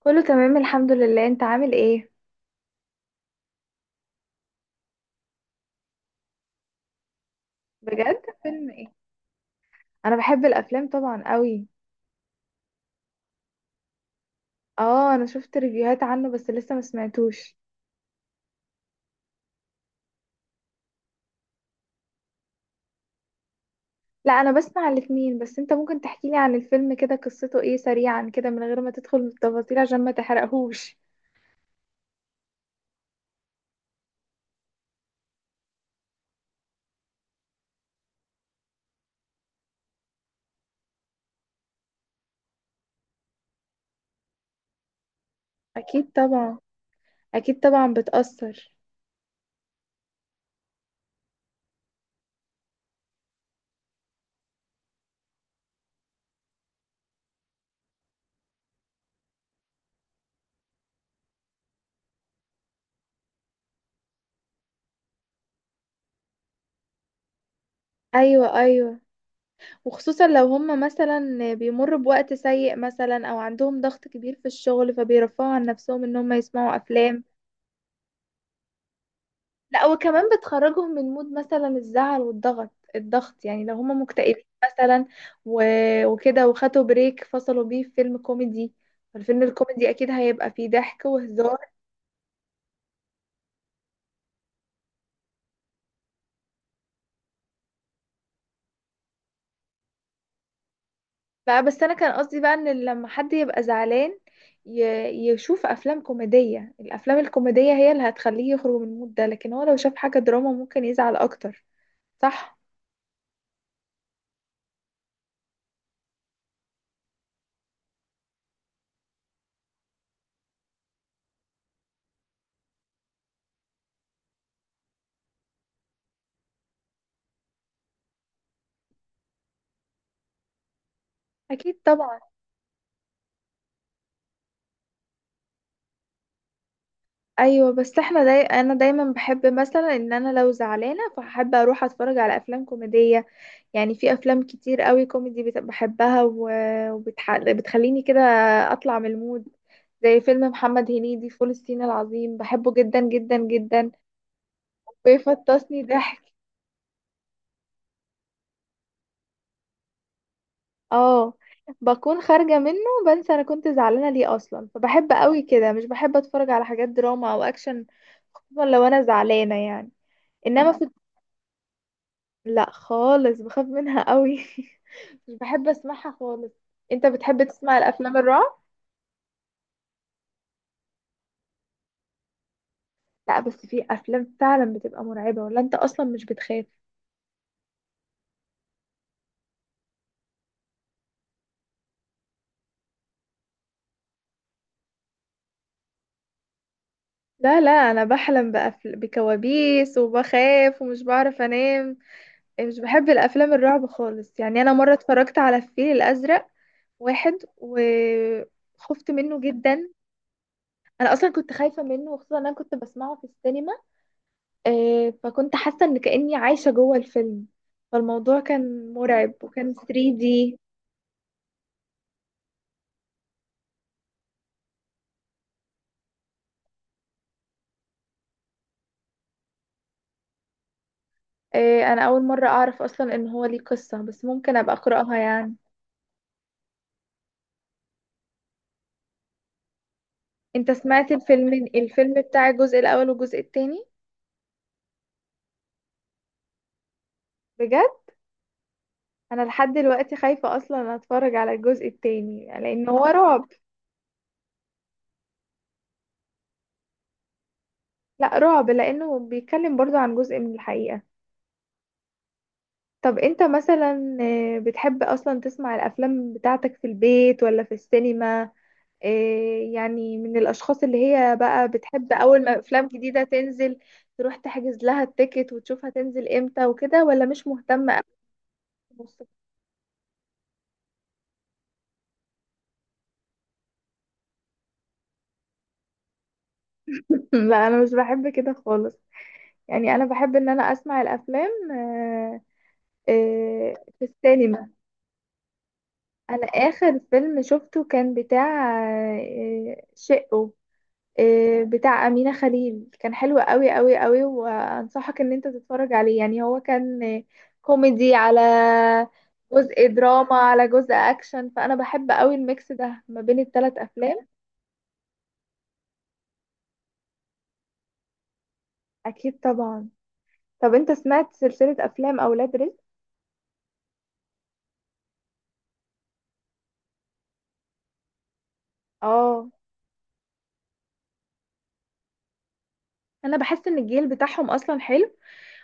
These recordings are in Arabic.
كله تمام الحمد لله، انت عامل ايه؟ بجد؟ فيلم ايه؟ انا بحب الافلام طبعا قوي. اه، انا شفت ريفيوهات عنه بس لسه ما سمعتوش. لا انا بسمع الاتنين، بس انت ممكن تحكي لي عن الفيلم كده قصته ايه سريعا كده من غير ما تدخل التفاصيل عشان ما تحرقهوش. اكيد طبعا. اكيد طبعا بتأثر. ايوه، ايوه. وخصوصا لو هم مثلا بيمروا بوقت سيء مثلا او عندهم ضغط كبير في الشغل فبيرفعوا عن نفسهم ان هم يسمعوا افلام. لا وكمان بتخرجهم من مود مثلا الزعل والضغط، الضغط يعني لو هما مكتئبين مثلا. و... وكده وخدوا بريك فصلوا بيه في فيلم كوميدي. فالفيلم الكوميدي اكيد هيبقى فيه ضحك وهزار. بقى بس انا كان قصدي بقى ان لما حد يبقى زعلان ي... يشوف افلام كوميدية. الافلام الكوميدية هي اللي هتخليه يخرج من المود ده، لكن هو لو شاف حاجة دراما ممكن يزعل اكتر. صح. اكيد طبعا. ايوه، بس انا دايما بحب مثلا ان انا لو زعلانة فحب اروح اتفرج على افلام كوميدية. يعني في افلام كتير قوي كوميدي بحبها بتخليني كده اطلع من المود. زي فيلم محمد هنيدي فول الصين العظيم، بحبه جدا جدا جدا. بيفطسني ضحك. اه. بكون خارجة منه. بنسى انا كنت زعلانة ليه اصلا، فبحب قوي كده مش بحب اتفرج على حاجات دراما او اكشن. خصوصا لو انا زعلانة يعني. انما في. لا خالص بخاف منها قوي. مش بحب اسمعها خالص. انت بتحب تسمع الافلام الرعب؟ لا، بس في افلام فعلا بتبقى مرعبة، ولا انت اصلا مش بتخاف؟ لا لا، انا بحلم بكوابيس وبخاف ومش بعرف انام. يعني مش بحب الافلام الرعب خالص، يعني انا مرة اتفرجت على الفيل الازرق واحد وخفت منه جدا. انا اصلا كنت خايفة منه، وخصوصا إن انا كنت بسمعه في السينما. فكنت حاسة ان كأني عايشة جوه الفيلم. فالموضوع كان مرعب وكان 3D. انا اول مرة اعرف اصلا ان هو ليه قصة، بس ممكن ابقى اقرأها يعني. انت سمعت الفيلم بتاع الجزء الاول والجزء التاني؟ بجد؟ انا لحد دلوقتي خايفة اصلا اتفرج على الجزء التاني لان هو رعب. لا، رعب لانه بيتكلم برضو عن جزء من الحقيقة. طب انت مثلا بتحب اصلا تسمع الافلام بتاعتك في البيت ولا في السينما؟ يعني من الاشخاص اللي هي بقى بتحب اول ما افلام جديدة تنزل تروح تحجز لها التيكت وتشوفها تنزل امتى وكده، ولا مش مهتمة أوي؟ لا انا مش بحب كده خالص. يعني انا بحب ان انا اسمع الافلام في السينما. انا اخر فيلم شفته كان بتاع شقه، بتاع امينة خليل، كان حلو قوي قوي قوي وانصحك ان انت تتفرج عليه. يعني هو كان كوميدي على جزء دراما على جزء اكشن، فانا بحب قوي الميكس ده ما بين الثلاث افلام. اكيد طبعا. طب انت سمعت سلسلة افلام اولاد رزق؟ اه. انا بحس ان الجيل بتاعهم اصلا حلو،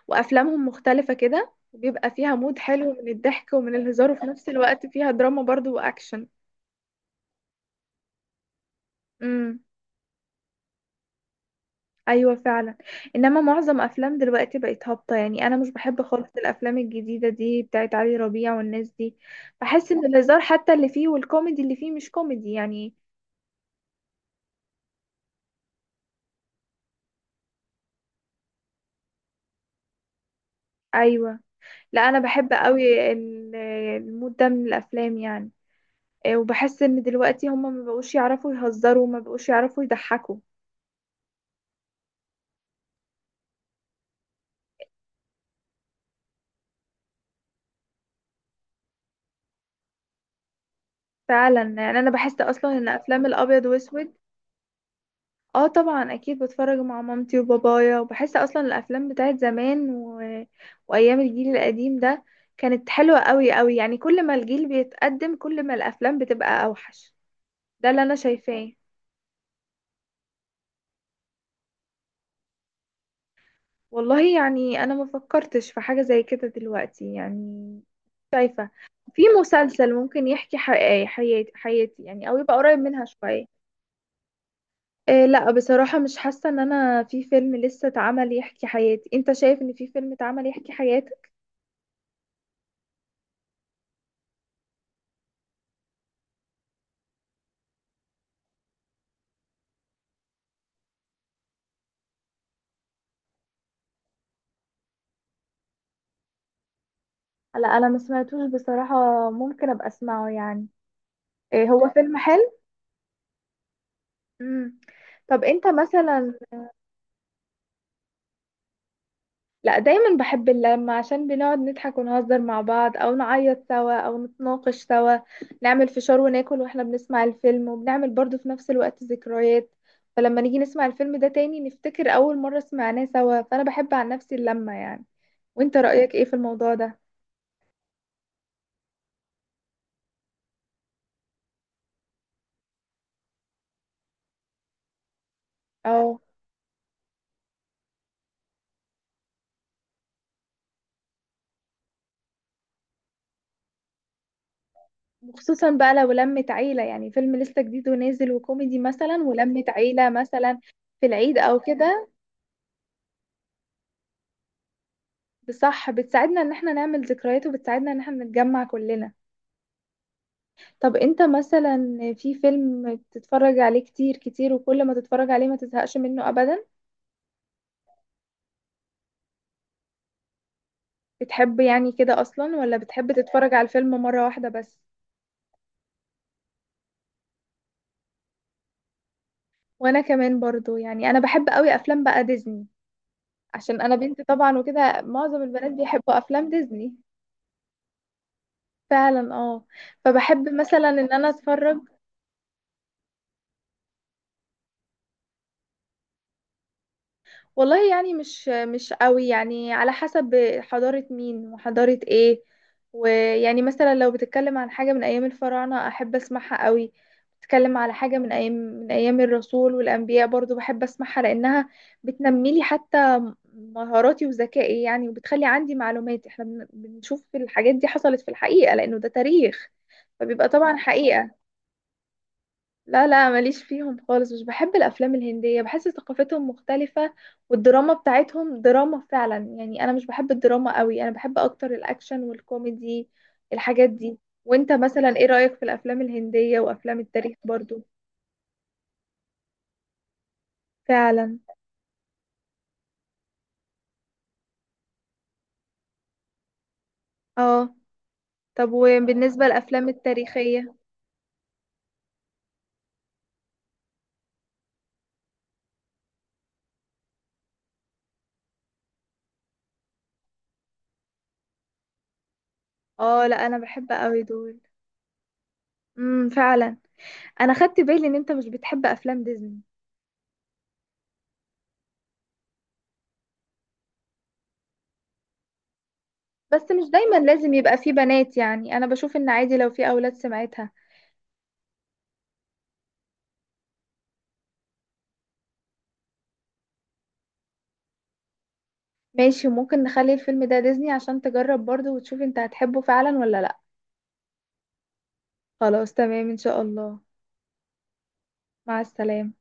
وافلامهم مختلفة كده وبيبقى فيها مود حلو من الضحك ومن الهزار، وفي نفس الوقت فيها دراما برضو واكشن. امم. ايوه، فعلا. انما معظم افلام دلوقتي بقت هابطة يعني، انا مش بحب خالص الافلام الجديدة دي بتاعت علي ربيع والناس دي. بحس ان الهزار حتى اللي فيه والكوميدي اللي فيه مش كوميدي يعني. ايوه. لا انا بحب قوي المود ده من الافلام يعني. إيه، وبحس ان دلوقتي هما ما بقوش يعرفوا يهزروا وما بقوش يعرفوا يضحكوا. فعلا، يعني انا بحس اصلا ان افلام الابيض واسود. اه طبعا، اكيد بتفرج مع مامتي وبابايا، وبحس اصلا الافلام بتاعت زمان وايام الجيل القديم ده كانت حلوة قوي قوي، يعني كل ما الجيل بيتقدم كل ما الافلام بتبقى اوحش. ده اللي انا شايفاه. والله يعني انا ما فكرتش في حاجة زي كده دلوقتي يعني. شايفة. في مسلسل ممكن يحكي حقيقي حياتي حياتي يعني، او يبقى قريب منها شوية. إيه لا بصراحة مش حاسة ان انا في فيلم لسه اتعمل يحكي حياتي، انت شايف ان في فيلم اتعمل يحكي حياتي؟ لا انا ما سمعتوش بصراحة. ممكن ابقى اسمعه يعني. إيه، هو فيلم حلو. امم. طب انت مثلا. لا دايما بحب اللمة عشان بنقعد نضحك ونهزر مع بعض، او نعيط سوا، او نتناقش سوا. نعمل فشار وناكل واحنا بنسمع الفيلم، وبنعمل برضو في نفس الوقت ذكريات. فلما نيجي نسمع الفيلم ده تاني نفتكر اول مرة سمعناه سوا، فانا بحب عن نفسي اللمة يعني. وانت رأيك ايه في الموضوع ده؟ اه. وخصوصا بقى لو لمت عيلة، يعني فيلم لسه جديد ونازل وكوميدي مثلا، ولمت عيلة مثلا في العيد او كده. بصح بتساعدنا ان احنا نعمل ذكريات، وبتساعدنا ان احنا نتجمع كلنا. طب انت مثلا. في فيلم بتتفرج عليه كتير كتير وكل ما تتفرج عليه ما تزهقش منه ابدا؟ بتحب يعني كده اصلا، ولا بتحب تتفرج على الفيلم مرة واحدة بس؟ وانا كمان برضو يعني انا بحب قوي افلام بقى ديزني، عشان انا بنت طبعا، وكده معظم البنات بيحبوا افلام ديزني. فعلا اه. فبحب مثلا ان انا اتفرج. والله يعني مش قوي، يعني على حسب حضارة مين وحضارة ايه. ويعني مثلا لو بتتكلم عن حاجة من ايام الفراعنة احب اسمعها قوي. بتتكلم على حاجة من ايام من ايام الرسول والانبياء برضو بحب اسمعها لانها بتنمي لي حتى مهاراتي وذكائي يعني، وبتخلي عندي معلومات. احنا بنشوف الحاجات دي حصلت في الحقيقة لانه ده تاريخ، فبيبقى طبعا حقيقة. لا لا، ماليش فيهم خالص، مش بحب الافلام الهنديه، بحس ثقافتهم مختلفه. والدراما بتاعتهم دراما فعلا يعني، انا مش بحب الدراما قوي، انا بحب اكتر الاكشن والكوميدي الحاجات دي. وانت مثلا ايه رايك في الافلام الهنديه وافلام التاريخ برضو؟ فعلا اه. طب وبالنسبه للافلام التاريخيه؟ اه لا انا بحب قوي دول. امم، فعلا. انا خدت بالي ان انت مش بتحب افلام ديزني. بس مش دايما لازم يبقى فيه بنات، يعني انا بشوف ان عادي لو في اولاد سمعتها. ماشي، وممكن نخلي الفيلم ده ديزني عشان تجرب برضه وتشوف انت هتحبه فعلا ولا لا. خلاص تمام ان شاء الله. مع السلامة.